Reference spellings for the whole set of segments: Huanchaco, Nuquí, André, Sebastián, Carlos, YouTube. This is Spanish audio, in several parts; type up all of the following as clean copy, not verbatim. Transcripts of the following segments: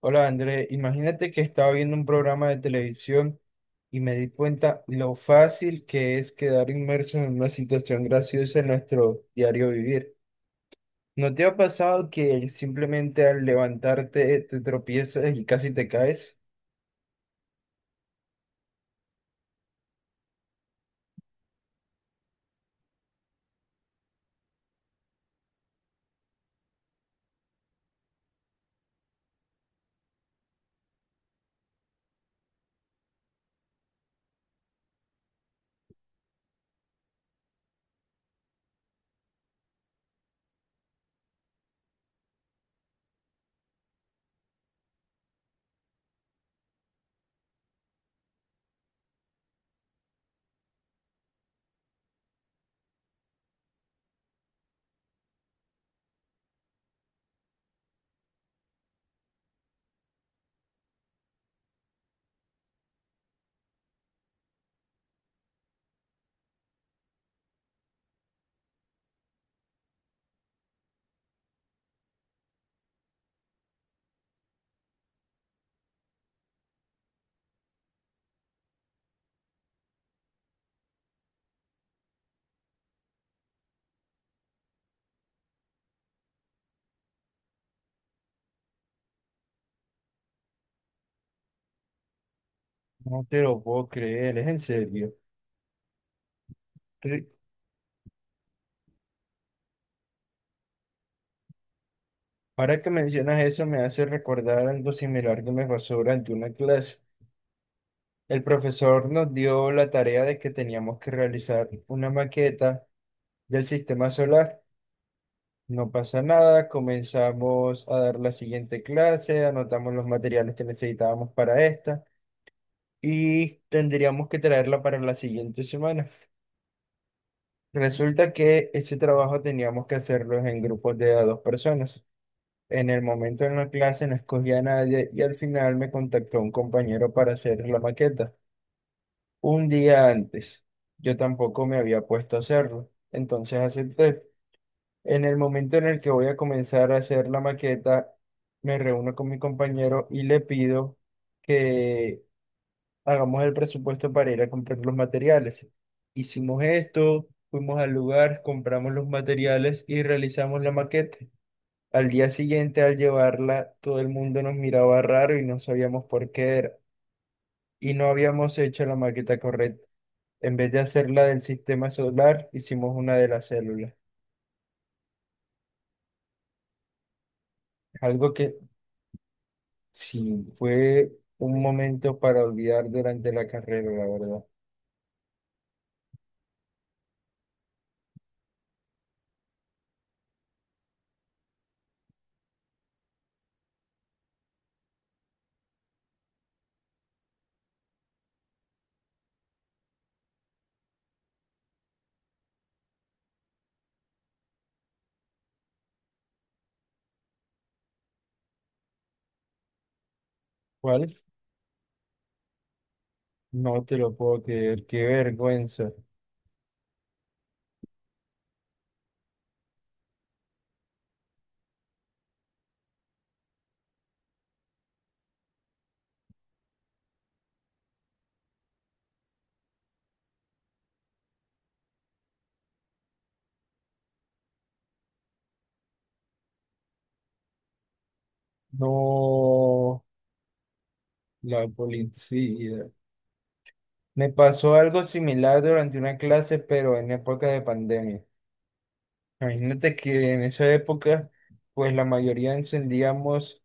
Hola André, imagínate que estaba viendo un programa de televisión y me di cuenta lo fácil que es quedar inmerso en una situación graciosa en nuestro diario vivir. ¿No te ha pasado que simplemente al levantarte te tropiezas y casi te caes? No te lo puedo creer, es en serio. Re- Ahora que mencionas eso me hace recordar algo similar que me pasó durante una clase. El profesor nos dio la tarea de que teníamos que realizar una maqueta del sistema solar. No pasa nada, comenzamos a dar la siguiente clase, anotamos los materiales que necesitábamos para esta y tendríamos que traerla para la siguiente semana. Resulta que ese trabajo teníamos que hacerlo en grupos de a dos personas. En el momento en la clase no escogía a nadie y al final me contactó un compañero para hacer la maqueta. Un día antes, yo tampoco me había puesto a hacerlo, entonces acepté. En el momento en el que voy a comenzar a hacer la maqueta, me reúno con mi compañero y le pido que hagamos el presupuesto para ir a comprar los materiales. Hicimos esto, fuimos al lugar, compramos los materiales y realizamos la maqueta. Al día siguiente, al llevarla, todo el mundo nos miraba raro y no sabíamos por qué era. Y no habíamos hecho la maqueta correcta. En vez de hacerla del sistema solar, hicimos una de las células. Algo que Sí, fue un momento para olvidar durante la carrera, la verdad. ¿Cuál? No te lo puedo creer, qué vergüenza. No, la policía. Me pasó algo similar durante una clase, pero en época de pandemia. Imagínate que en esa época, pues la mayoría encendíamos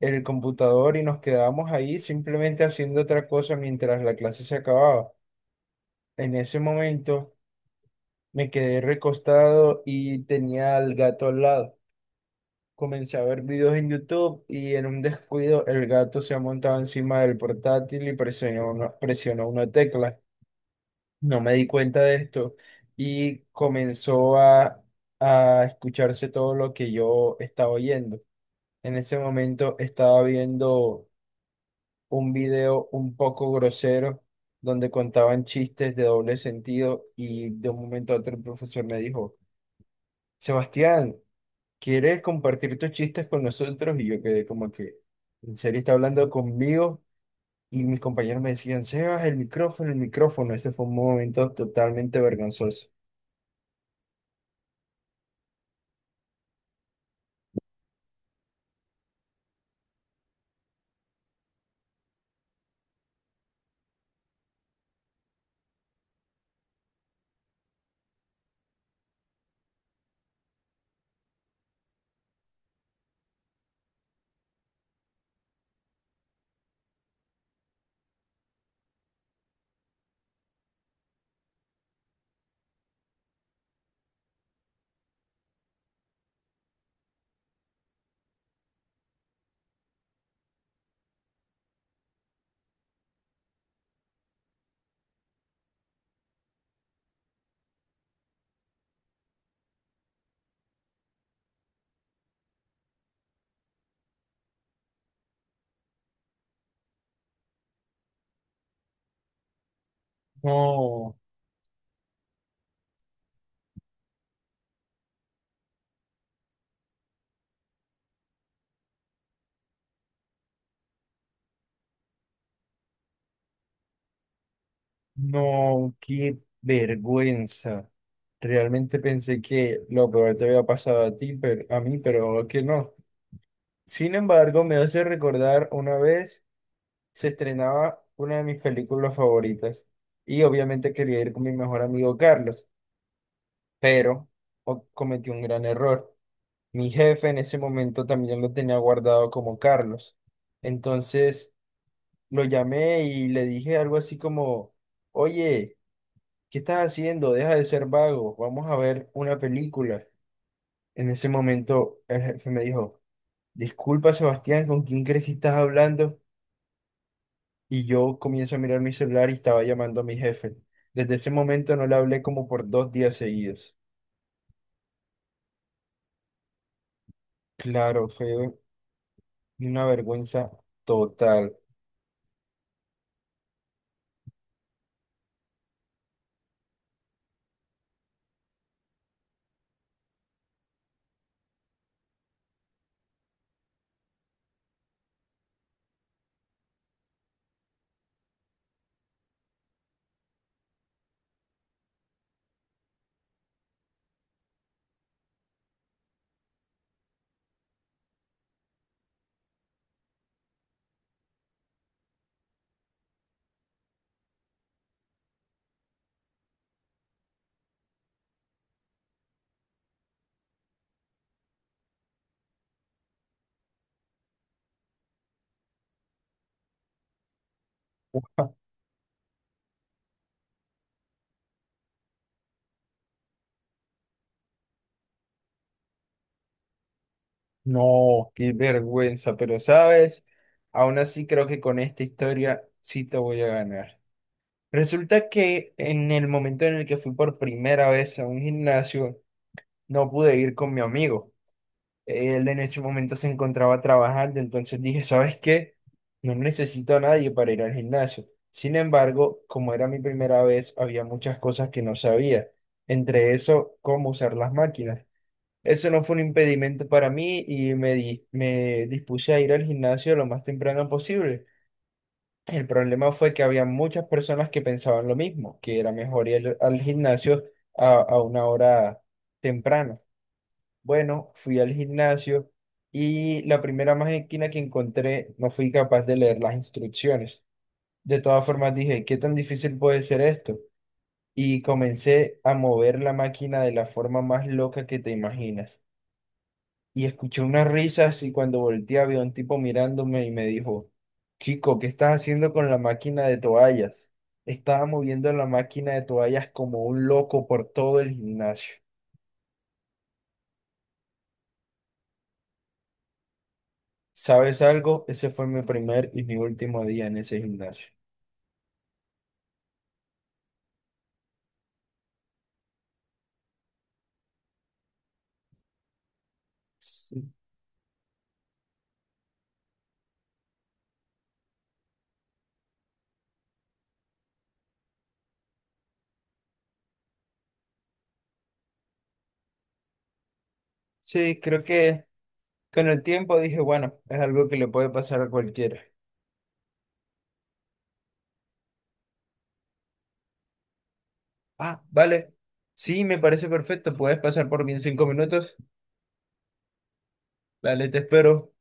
el computador y nos quedábamos ahí simplemente haciendo otra cosa mientras la clase se acababa. En ese momento. Me quedé recostado y tenía al gato al lado. Comencé a ver videos en YouTube y en un descuido el gato se ha montado encima del portátil y presionó una tecla. No me di cuenta de esto y comenzó a escucharse todo lo que yo estaba oyendo. En ese momento estaba viendo un video un poco grosero donde contaban chistes de doble sentido y de un momento a otro el profesor me dijo, Sebastián, ¿quieres compartir tus chistes con nosotros? Y yo quedé como que, en serio, está hablando conmigo. Y mis compañeros me decían, Sebas, el micrófono, el micrófono. Ese fue un momento totalmente vergonzoso. No, no, qué vergüenza. Realmente pensé que lo peor te había pasado a ti, pero a mí, pero que no. Sin embargo, me hace recordar una vez se estrenaba una de mis películas favoritas y obviamente quería ir con mi mejor amigo Carlos, pero cometí un gran error. Mi jefe en ese momento también lo tenía guardado como Carlos. Entonces lo llamé y le dije algo así como, oye, ¿qué estás haciendo? Deja de ser vago, vamos a ver una película. En ese momento el jefe me dijo, disculpa Sebastián, ¿con quién crees que estás hablando? Y yo comienzo a mirar mi celular y estaba llamando a mi jefe. Desde ese momento no le hablé como por 2 días seguidos. Claro, fue una vergüenza total. Ujú. No, qué vergüenza, pero sabes, aún así creo que con esta historia sí te voy a ganar. Resulta que en el momento en el que fui por primera vez a un gimnasio, no pude ir con mi amigo. Él en ese momento se encontraba trabajando, entonces dije, ¿sabes qué? No necesito a nadie para ir al gimnasio. Sin embargo, como era mi primera vez, había muchas cosas que no sabía. Entre eso, cómo usar las máquinas. Eso no fue un impedimento para mí y me dispuse a ir al gimnasio lo más temprano posible. El problema fue que había muchas personas que pensaban lo mismo, que era mejor ir al gimnasio a una hora temprana. Bueno, fui al gimnasio y la primera máquina que encontré no fui capaz de leer las instrucciones. De todas formas dije, ¿qué tan difícil puede ser esto? Y comencé a mover la máquina de la forma más loca que te imaginas, y escuché unas risas y cuando volteé había un tipo mirándome y me dijo, chico, ¿qué estás haciendo con la máquina de toallas? Estaba moviendo la máquina de toallas como un loco por todo el gimnasio. ¿Sabes algo? Ese fue mi primer y mi último día en ese gimnasio. Sí, sí, creo que con el tiempo dije, bueno, es algo que le puede pasar a cualquiera. Ah, vale. Sí, me parece perfecto. ¿Puedes pasar por mí en 5 minutos? Vale, te espero.